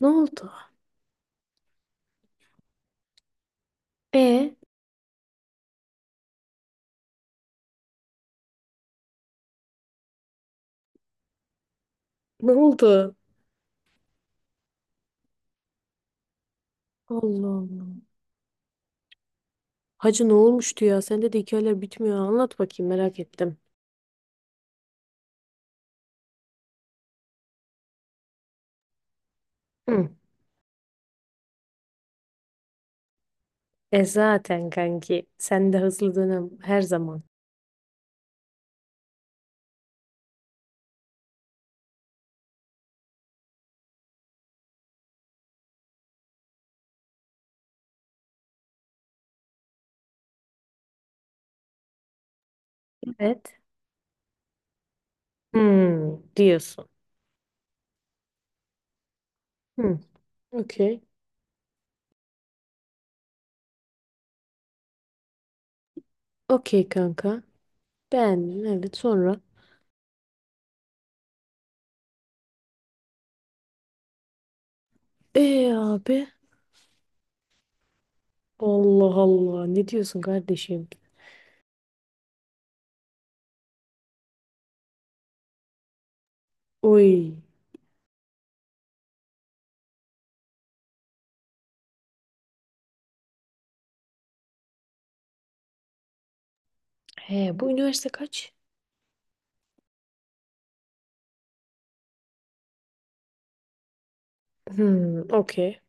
Ne oldu? E Ne oldu? Allah Allah. Hacı ne olmuştu ya? Sende de hikayeler bitmiyor. Anlat bakayım merak ettim. Hı. E zaten kanki sen de hızlı dönem her zaman. Evet. Hmm, diyorsun. Hı, okey. Okey kanka. Beğendim evet sonra. E abi. Allah Allah ne diyorsun kardeşim? Oy. He bu üniversite kaç? Hmm, okey.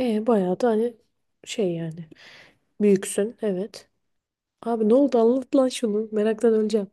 E bayağı da hani şey yani. Büyüksün evet. Abi ne oldu anlat lan şunu. Meraktan öleceğim.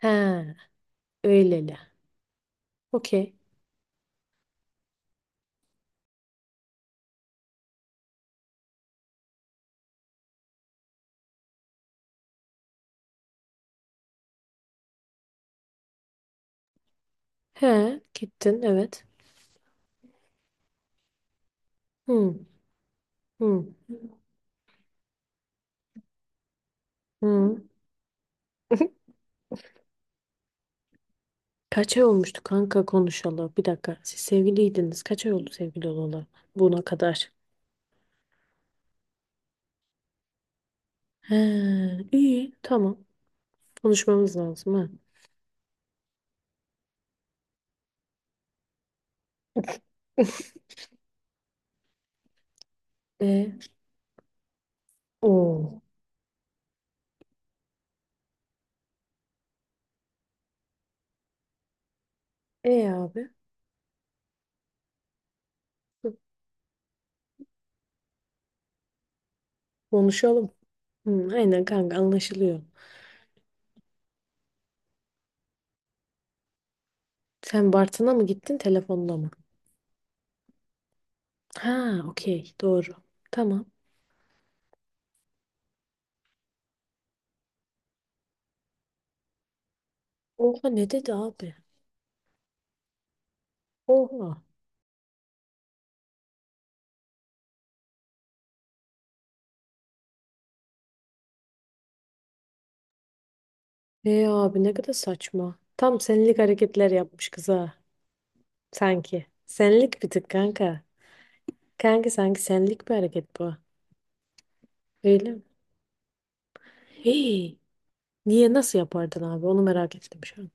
He öyleli. Okey. He gittin evet. Hı hı hı. Kaç ay olmuştu kanka konuşalı? Bir dakika. Siz sevgiliydiniz. Kaç ay oldu sevgili olalı buna kadar? He iyi tamam. Konuşmamız lazım ha. E o. E abi. Konuşalım. Hı, aynen kanka anlaşılıyor. Sen Bartın'a mı gittin telefonla mı? Ha okey doğru. Tamam. Oha ne dedi abi? Oha. E abi ne kadar saçma. Tam senlik hareketler yapmış kıza. Sanki. Senlik bir tık kanka. Kanka sanki senlik bir hareket bu. Öyle mi? Hey, niye nasıl yapardın abi? Onu merak ettim şu an.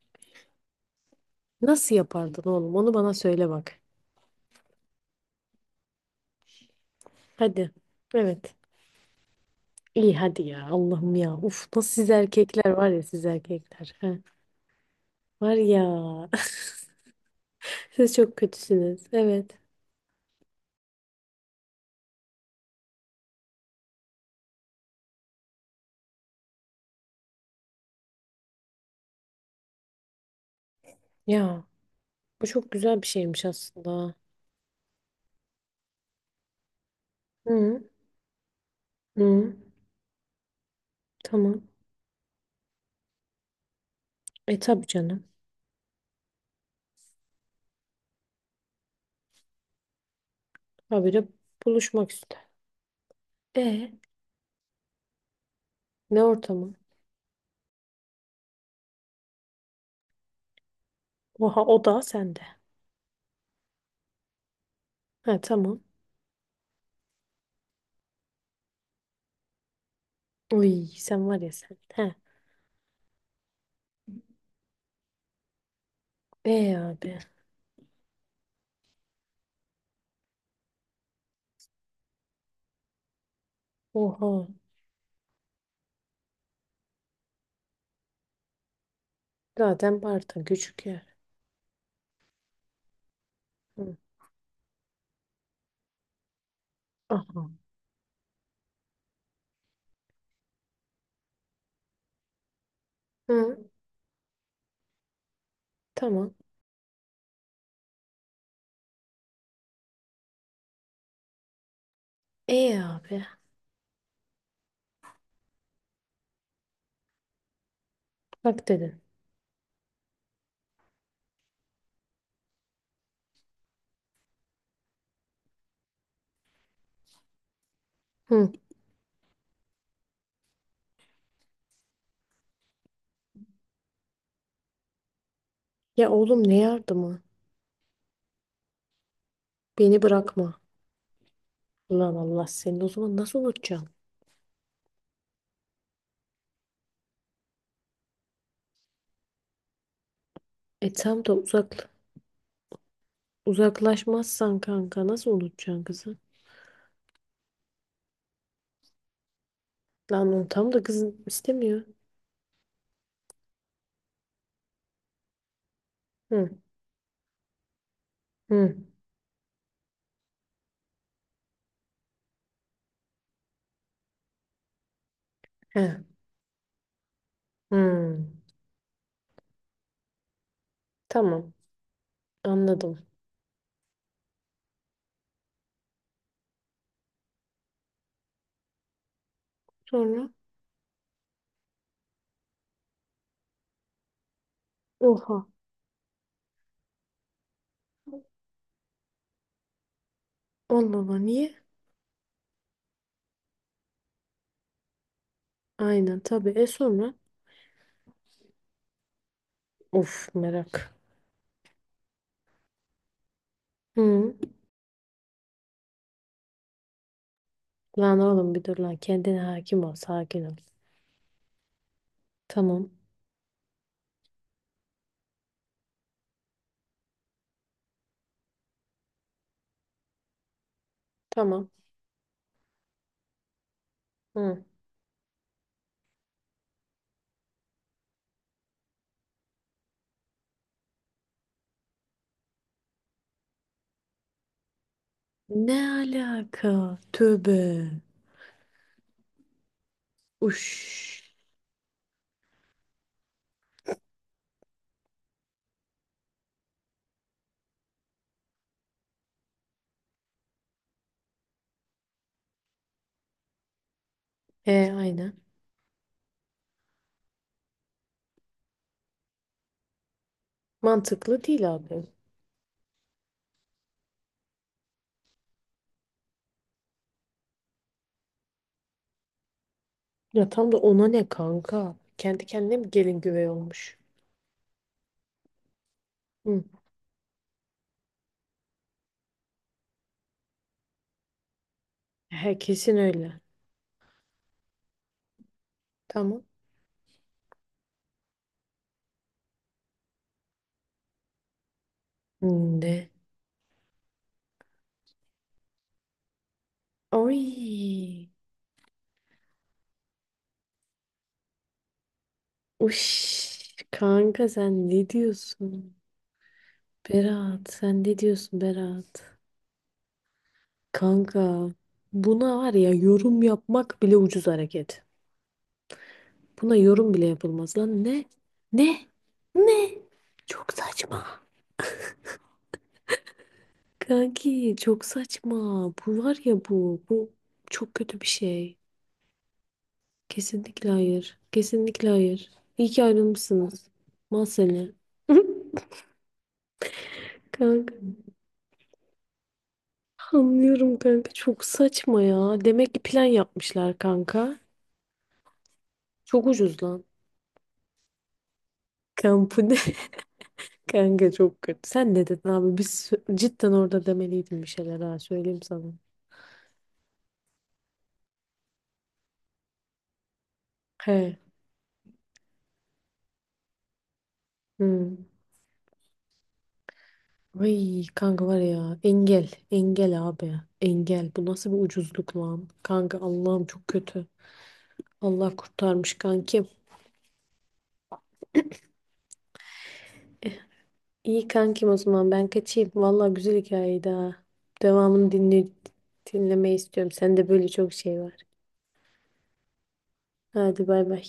Nasıl yapardın oğlum? Onu bana söyle bak. Hadi. Evet. İyi hadi ya. Allah'ım ya. Uf nasıl siz erkekler var ya siz erkekler. Ha. Var ya. Siz çok kötüsünüz. Evet. Ya bu çok güzel bir şeymiş aslında. Hı. Hı, tamam. E tabii canım. Habire buluşmak ister. E ne ortamı? Oha o da sende. Ha tamam. Uy sen var ya sen. Ha. E abi. Oha. Zaten Bartın küçük yer. Hı. Aha. Hı. Tamam. E abi. Bak dedin. Hı. Ya oğlum ne yardımı? Beni bırakma. Ulan Allah seni o zaman nasıl unutacaksın? E tam da uzak uzaklaşmazsan kanka nasıl unutacaksın kızı? Lan onu tam da kızın istemiyor. Hı, hı, he, hı. Tamam, anladım. Sonra, oha, Allah Allah, niye? Aynen, tabii. E sonra, of, merak. Hı. Lan oğlum bir dur lan, kendine hakim ol, sakin ol. Tamam, tamam. Hı. Ne alaka? Tövbe. Uş. E, aynen. Mantıklı değil abi. Ya tam da ona ne kanka? Kendi kendine mi gelin güvey olmuş? Hı. He, kesin öyle. Tamam. Ne? Oy. Uş. Kanka sen ne diyorsun? Berat sen ne diyorsun Berat? Kanka buna var ya yorum yapmak bile ucuz hareket. Buna yorum bile yapılmaz lan. Ne? Ne? Ne? Çok saçma. Kanki çok saçma. Bu var ya bu. Bu çok kötü bir şey. Kesinlikle hayır. Kesinlikle hayır. İyi ki ayrılmışsınız. Mal seni. Kanka. Anlıyorum kanka çok saçma ya. Demek ki plan yapmışlar kanka. Çok ucuz lan. Kampı ne? Kanka çok kötü. Sen ne dedin abi? Biz cidden orada demeliydin bir şeyler ha söyleyeyim sana. He. Hmm. Ay kanka var ya engel. Engel abi. Engel. Bu nasıl bir ucuzluk lan? Kanka Allah'ım çok kötü. Allah kurtarmış kankim. İyi kankim o zaman ben kaçayım. Vallahi güzel hikayeydi ha. Devamını dinle, dinlemeyi istiyorum. Sende böyle çok şey var. Hadi bay bay.